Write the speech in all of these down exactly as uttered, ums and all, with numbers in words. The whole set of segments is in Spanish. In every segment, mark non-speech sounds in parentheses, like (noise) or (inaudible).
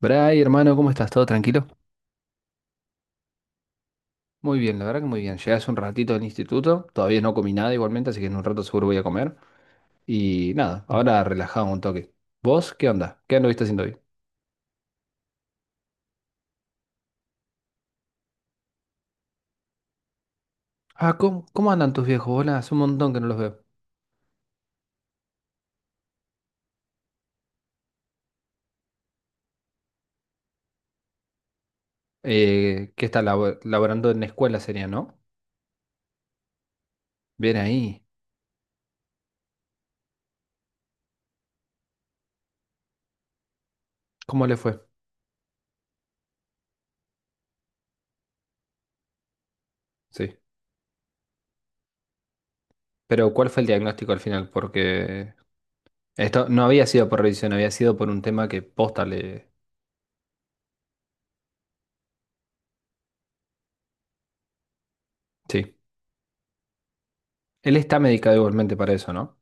Bray, hermano, ¿cómo estás? ¿Todo tranquilo? Muy bien, la verdad que muy bien. Llegué hace un ratito del instituto, todavía no comí nada igualmente, así que en un rato seguro voy a comer. Y nada, ahora relajado un toque. ¿Vos qué onda? ¿Qué anduviste haciendo hoy? Ah, ¿cómo, cómo andan tus viejos? Hola, hace un montón que no los veo. Eh, ¿qué está labo- laborando en la escuela sería, no? Bien ahí. ¿Cómo le fue? Sí. Pero ¿cuál fue el diagnóstico al final? Porque esto no había sido por revisión, había sido por un tema que posta le... Sí. Él está medicado igualmente para eso, ¿no?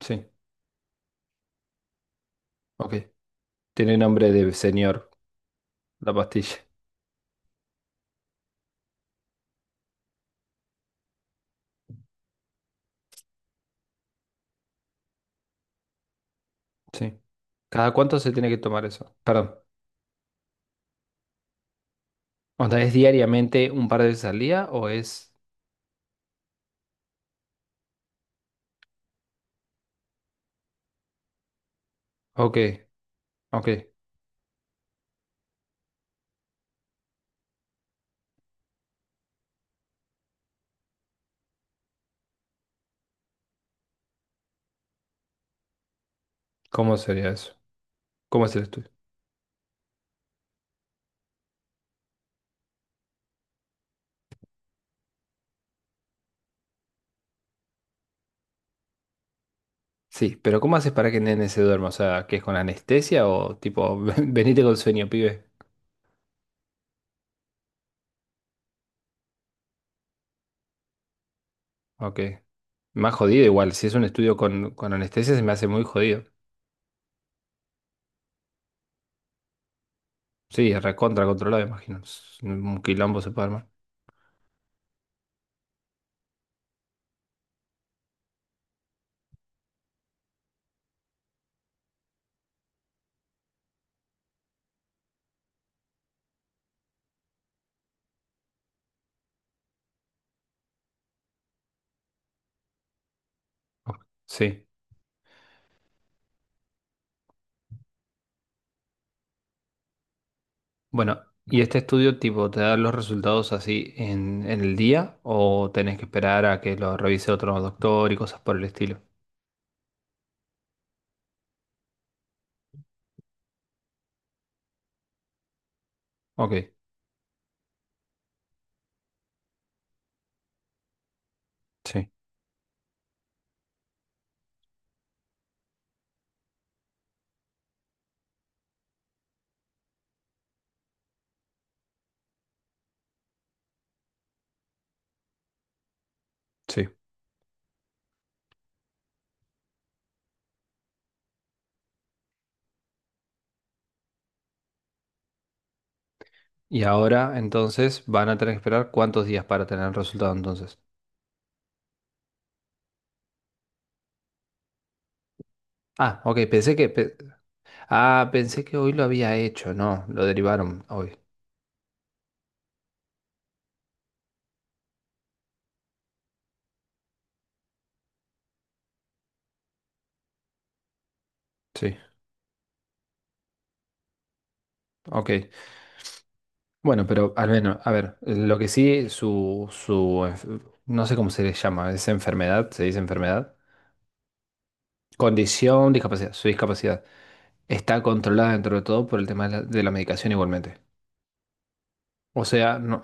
Sí. Ok. Tiene nombre de señor, la pastilla. Sí. ¿Cada cuánto se tiene que tomar eso? Perdón. O sea, ¿es diariamente un par de veces al día o es...? Ok, ok. ¿Cómo sería eso? ¿Cómo es el estudio? Sí, pero ¿cómo haces para que el nene se duerma? O sea, ¿que es con anestesia o tipo, (laughs) "Ven- venite con sueño, pibe? Ok. Más jodido igual. Si es un estudio con, con anestesia se me hace muy jodido. Sí, recontra controlado, imagino. Es un quilombo se puede armar. Ok, sí. Bueno, ¿y este estudio tipo te da los resultados así en, en el día o tenés que esperar a que lo revise otro doctor y cosas por el estilo? Ok, sí, sí. Y ahora entonces van a tener que esperar cuántos días para tener el resultado entonces. Ah, ok, pensé que... pe- ah, pensé que hoy lo había hecho, no, lo derivaron hoy. Sí, ok. Bueno, pero al menos, a ver, lo que sí, su, su, enf- no sé cómo se le llama, es enfermedad, se dice enfermedad. Condición, discapacidad, su discapacidad. Está controlada dentro de todo por el tema de la, de la medicación igualmente. O sea, no.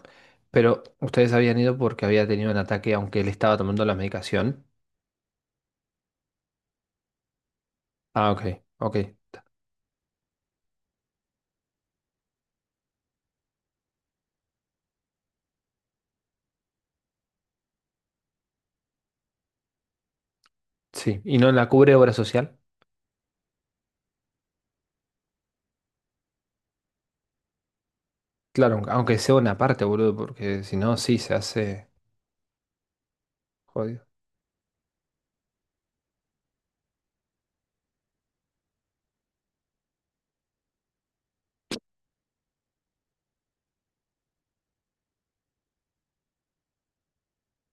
Pero ustedes habían ido porque había tenido un ataque, aunque él estaba tomando la medicación. Ah, ok, ok. Sí. ¿Y no la cubre obra social? Claro, aunque aunque sea una parte, boludo, porque si no, sí, se hace jodido.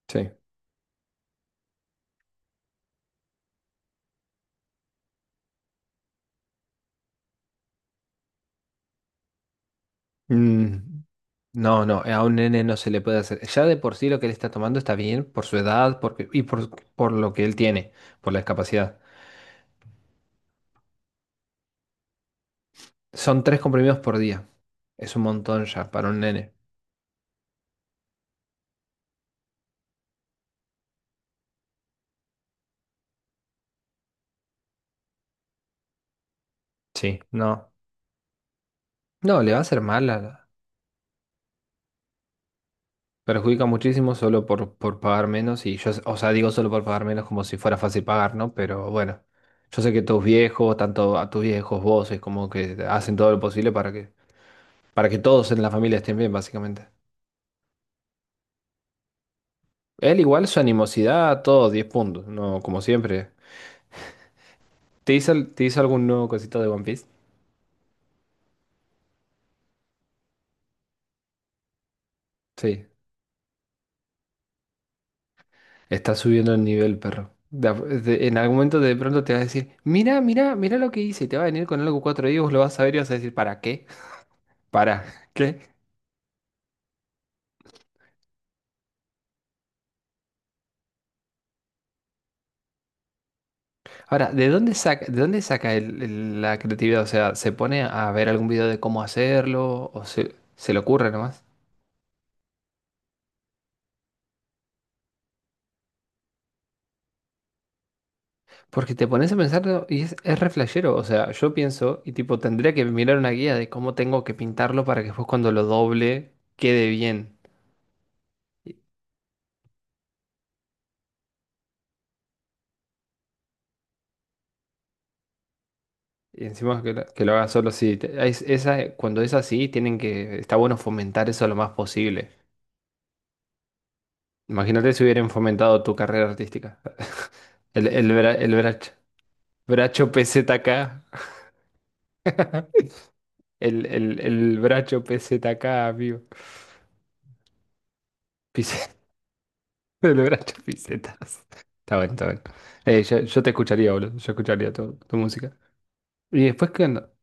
Sí. Mm, no, no, a un nene no se le puede hacer. Ya de por sí lo que él está tomando está bien por su edad porque, y por, por lo que él tiene, por la discapacidad. Son tres comprimidos por día. Es un montón ya para un nene. Sí, no. No, le va a hacer mal. a la- Perjudica muchísimo solo por, por pagar menos. Y yo, o sea, digo solo por pagar menos como si fuera fácil pagar, ¿no? Pero bueno, yo sé que tus viejos, tanto a tus viejos, vos, es como que hacen todo lo posible para que, para que todos en la familia estén bien, básicamente. Él igual, su animosidad, todo diez puntos, ¿no? Como siempre. ¿Te hizo, te hizo algún nuevo cosito de One Piece? Sí. Está subiendo el nivel, perro. De a- de- en algún momento de pronto te vas a decir, mira, mira, mira lo que hice. Y te va a venir con algo cuatro y vos lo vas a ver y vas a decir, ¿para qué? ¿Para qué? Ahora, ¿de dónde saca, de dónde saca el- el- la creatividad? O sea, ¿se pone a ver algún video de cómo hacerlo? ¿O se, se le ocurre nomás? Porque te pones a pensarlo y es, es re flashero. O sea, yo pienso y tipo, tendría que mirar una guía de cómo tengo que pintarlo para que después cuando lo doble quede bien. Y encima que lo, que lo haga solo, sí. te- es- esa, cuando es así, tienen que, está bueno fomentar eso lo más posible. Imagínate si hubieran fomentado tu carrera artística. (laughs) El, el, bra- el bracho, bracho P Z K. (laughs) El, el, el bracho P Z K, amigo. Pis- (laughs) El bracho pisetas. Está bueno, está bueno. Eh, yo, yo te escucharía, boludo. Yo escucharía tu, tu música. Y después, ¿qué onda?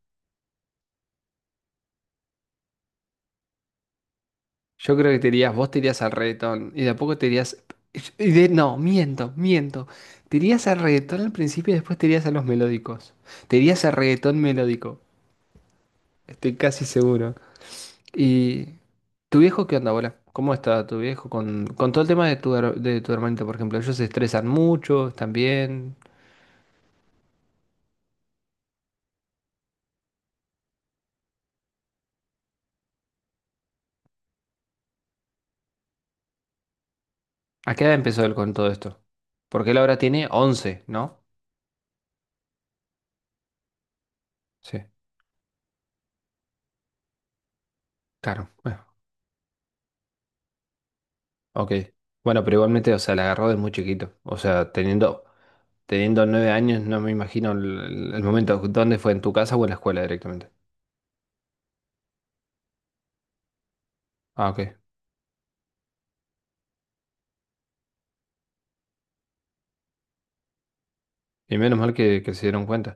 Yo creo que te irías, vos te irías al reggaetón y de a poco te irías. Y de- no, miento, miento. Te irías al reggaetón al principio y después te irías a los melódicos. Te irías al reggaetón melódico, estoy casi seguro. ¿Y tu viejo qué onda, bola? ¿Cómo está tu viejo con, con todo el tema de tu, her- de tu hermanito, por ejemplo? ¿Ellos se estresan mucho también? ¿A qué edad empezó él con todo esto? Porque él ahora tiene once, ¿no? Sí, claro. Bueno, ok. Bueno, pero igualmente, o sea, la agarró de muy chiquito. O sea, teniendo teniendo nueve años, no me imagino el, el momento. ¿Dónde fue? ¿En tu casa o en la escuela directamente? Ah, ok. Y menos mal que, que se dieron cuenta.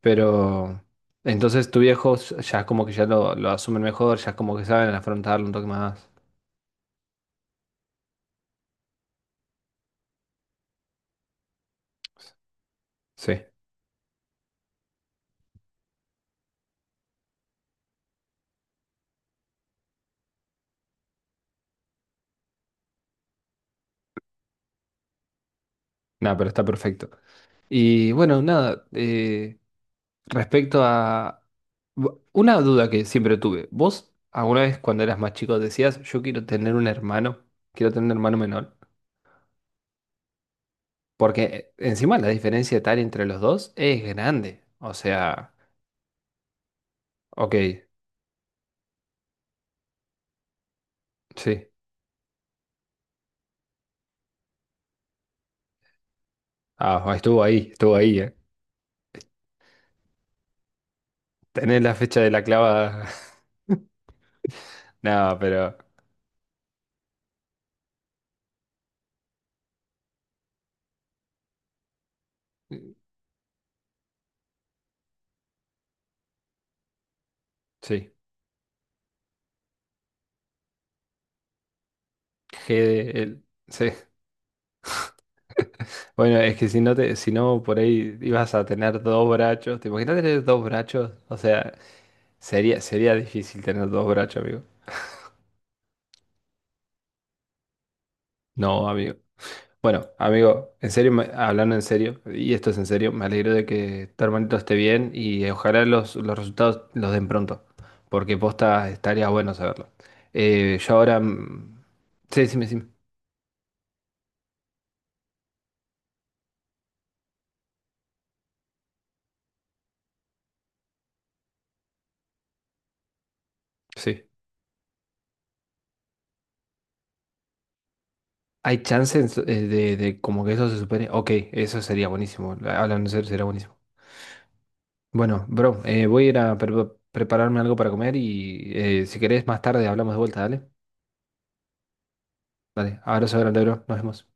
Pero entonces tu viejo ya es como que ya lo, lo asumen mejor, ya es como que saben afrontarlo un toque más. Sí, nada, pero está perfecto. Y bueno, nada, eh, respecto a... bu- una duda que siempre tuve. ¿Vos alguna vez cuando eras más chico decías, yo quiero tener un hermano? Quiero tener un hermano menor. Porque eh, encima la diferencia tal entre los dos es grande. O sea, ok, sí. Ah, estuvo ahí, estuvo ahí, eh. Tenés la fecha de la clavada. (laughs) Nada, pero eh, sí. G de- el- sí. Bueno, es que si no te, si no por ahí ibas a tener dos brazos. ¿Te imaginas tener dos brazos? O sea, sería, sería difícil tener dos brazos, amigo. No, amigo. Bueno, amigo, en serio, me- hablando en serio, y esto es en serio, me alegro de que tu hermanito esté bien y ojalá los, los resultados los den pronto, porque posta estaría bueno saberlo. Eh, yo ahora... mm, sí, sí, sí. Sí. ¿Hay chances eh, de, de como que eso se supere? Ok, eso sería buenísimo. Hablando en serio, sería buenísimo. Bueno, bro, eh, voy a ir a pre- prepararme algo para comer y eh, si querés más tarde hablamos de vuelta, dale. Dale, abrazo grande, bro. Nos vemos.